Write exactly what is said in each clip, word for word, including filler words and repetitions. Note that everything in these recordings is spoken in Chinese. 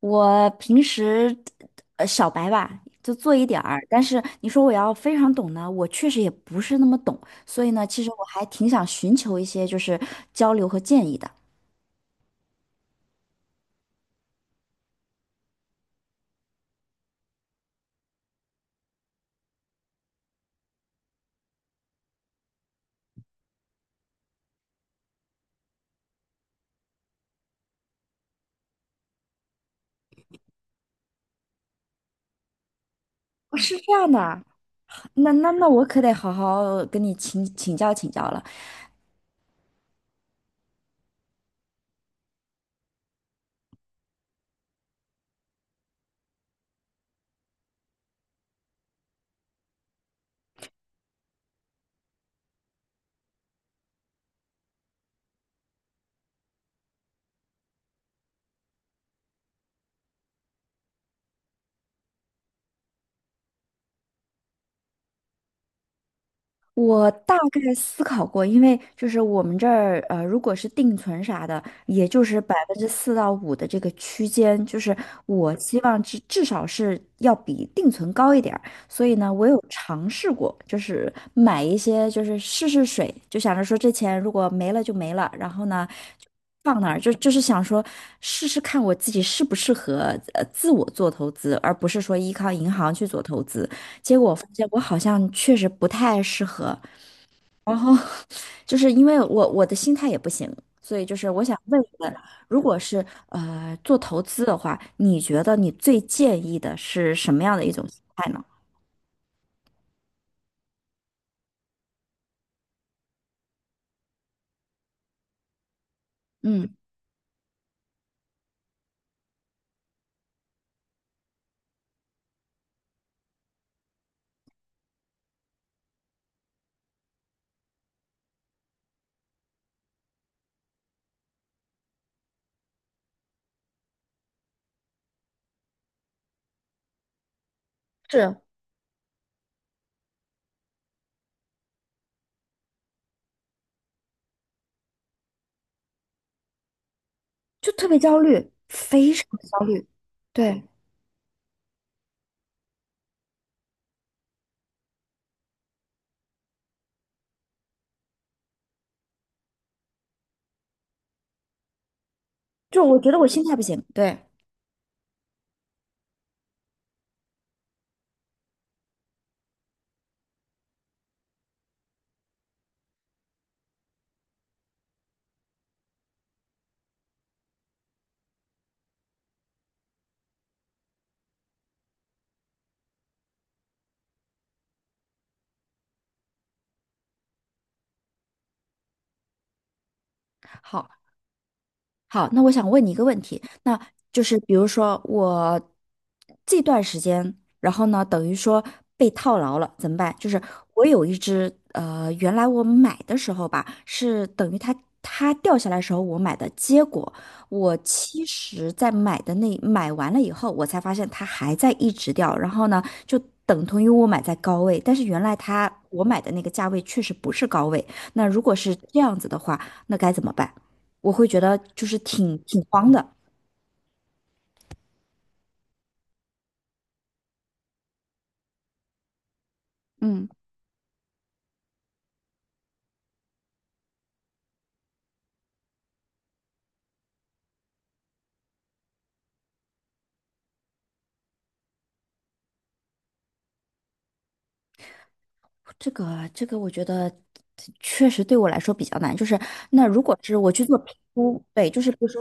我平时呃小白吧，就做一点儿，但是你说我要非常懂呢，我确实也不是那么懂，所以呢，其实我还挺想寻求一些就是交流和建议的。哦是这样的啊，那那那我可得好好跟你请请教请教了。我大概思考过，因为就是我们这儿，呃，如果是定存啥的，也就是百分之四到五的这个区间，就是我希望至至少是要比定存高一点儿。所以呢，我有尝试过，就是买一些，就是试试水，就想着说这钱如果没了就没了，然后呢，就放那儿，就就是想说试试看我自己适不适合呃自我做投资，而不是说依靠银行去做投资。结果我发现我好像确实不太适合，然后就是因为我我的心态也不行，所以就是我想问一问，如果是呃做投资的话，你觉得你最建议的是什么样的一种心态呢？嗯，是，就特别焦虑，非常焦虑。对，就我觉得我心态不行，对。好，好，那我想问你一个问题，那就是比如说我这段时间，然后呢，等于说被套牢了，怎么办？就是我有一只呃，原来我买的时候吧，是等于它它掉下来的时候我买的，结果我其实在买的那买完了以后，我才发现它还在一直掉，然后呢，就等同于我买在高位，但是原来它我买的那个价位确实不是高位，那如果是这样子的话，那该怎么办？我会觉得就是挺挺慌的。嗯，这个这个，我觉得确实对我来说比较难。就是那如果是我去做评估，对，就是比如说，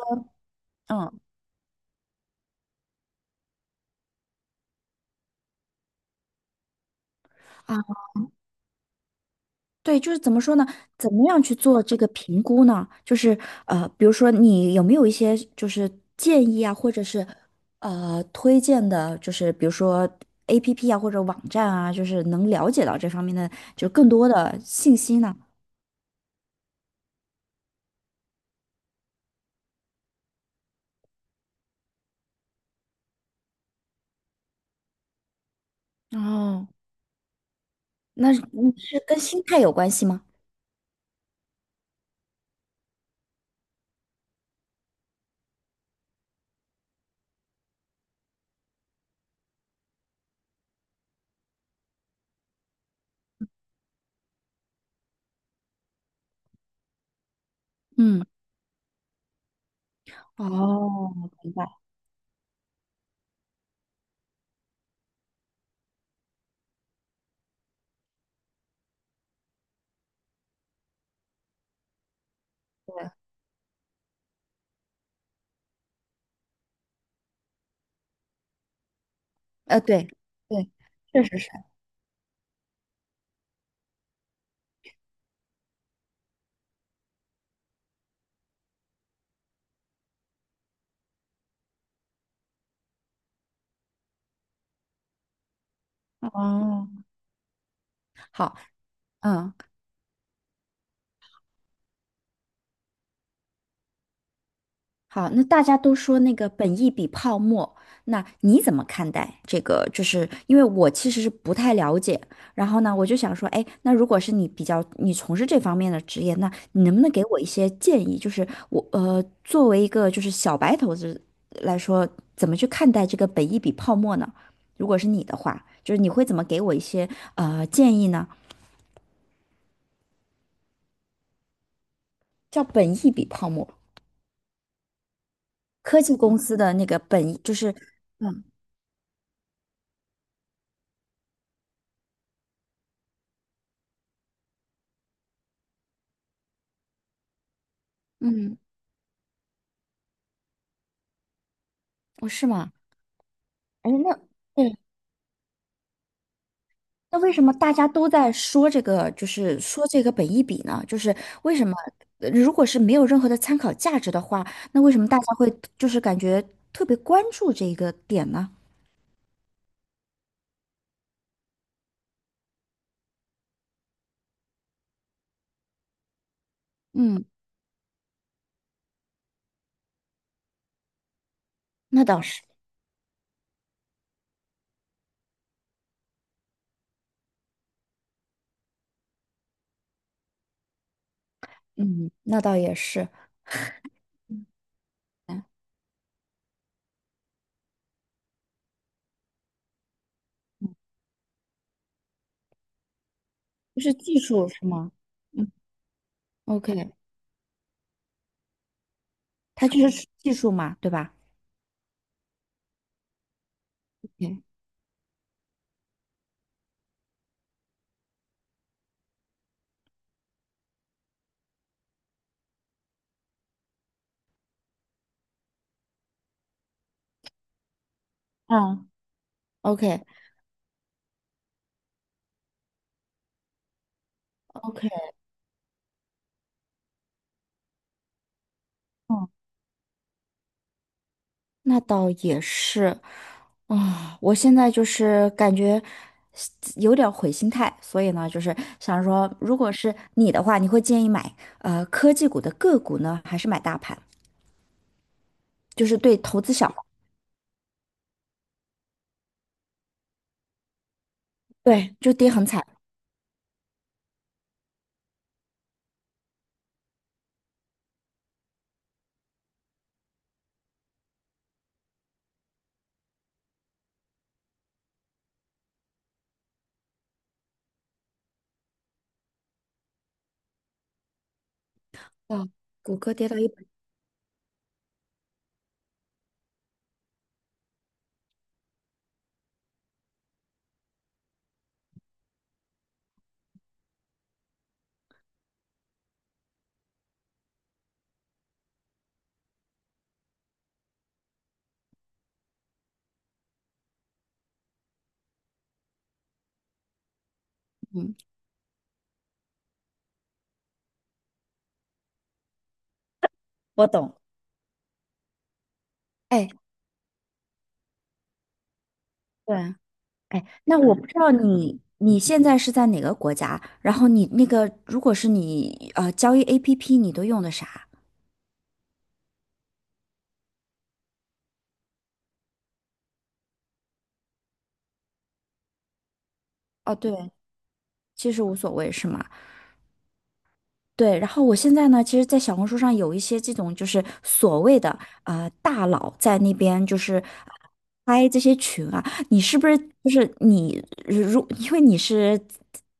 嗯。啊，对，就是怎么说呢？怎么样去做这个评估呢？就是呃，比如说你有没有一些就是建议啊，或者是呃推荐的，就是比如说 A P P 啊或者网站啊，就是能了解到这方面的就更多的信息呢？哦，那是嗯，是跟心态有关系吗？嗯，哦，明白，对，呃，对，对，确实是，哦，好，嗯。好，那大家都说那个本意比泡沫，那你怎么看待这个？就是因为我其实是不太了解，然后呢，我就想说，哎，那如果是你比较你从事这方面的职业，那你能不能给我一些建议？就是我呃，作为一个就是小白投资来说，怎么去看待这个本意比泡沫呢？如果是你的话，就是你会怎么给我一些呃建议呢？叫本益比泡沫，科技公司的那个本益就是，嗯嗯，哦是吗？哎，那对，那为什么大家都在说这个，就是说这个本益比呢？就是为什么，呃如果是没有任何的参考价值的话，那为什么大家会就是感觉特别关注这一个点呢？嗯，那倒是，嗯，那倒也是，嗯，就是技术是吗？嗯，OK，它就是技术嘛，对吧？OK，嗯。啊，OK，OK。嗯。那倒也是，啊、我现在就是感觉有点儿毁心态，所以呢，就是想说，如果是你的话，你会建议买呃科技股的个股呢，还是买大盘？就是对投资小，对，就跌很惨，啊，谷歌跌到一百，嗯，我懂，哎，对。哎，那我不知道你你现在是在哪个国家，然后你那个如果是你呃交易 A P P，你都用的啥？哦，对，其实无所谓，是吗？对，然后我现在呢，其实，在小红书上有一些这种就是所谓的呃大佬在那边就是拍这些群啊，你是不是就是你如因为你是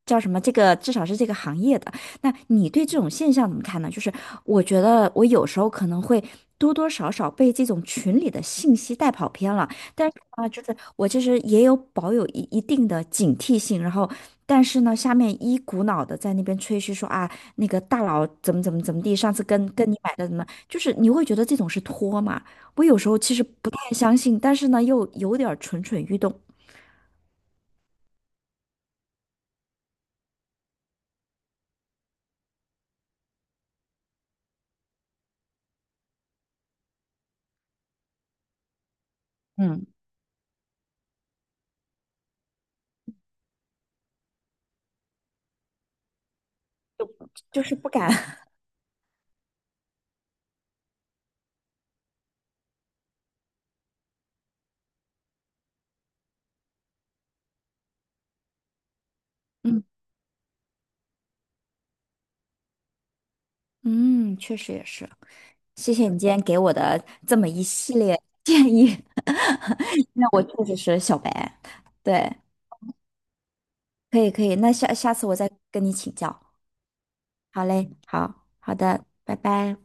叫什么这个至少是这个行业的，那你对这种现象怎么看呢？就是我觉得我有时候可能会多多少少被这种群里的信息带跑偏了，但是啊，就是我其实也有保有一一定的警惕性，然后但是呢，下面一股脑的在那边吹嘘说啊，那个大佬怎么怎么怎么地，上次跟跟你买的怎么，就是你会觉得这种是托嘛？我有时候其实不太相信，但是呢，又有点儿蠢蠢欲动，嗯就是不敢。嗯，嗯，确实也是。谢谢你今天给我的这么一系列建议，那我确实是小白。对，可以可以，那下下次我再跟你请教。好嘞，好好的，拜拜。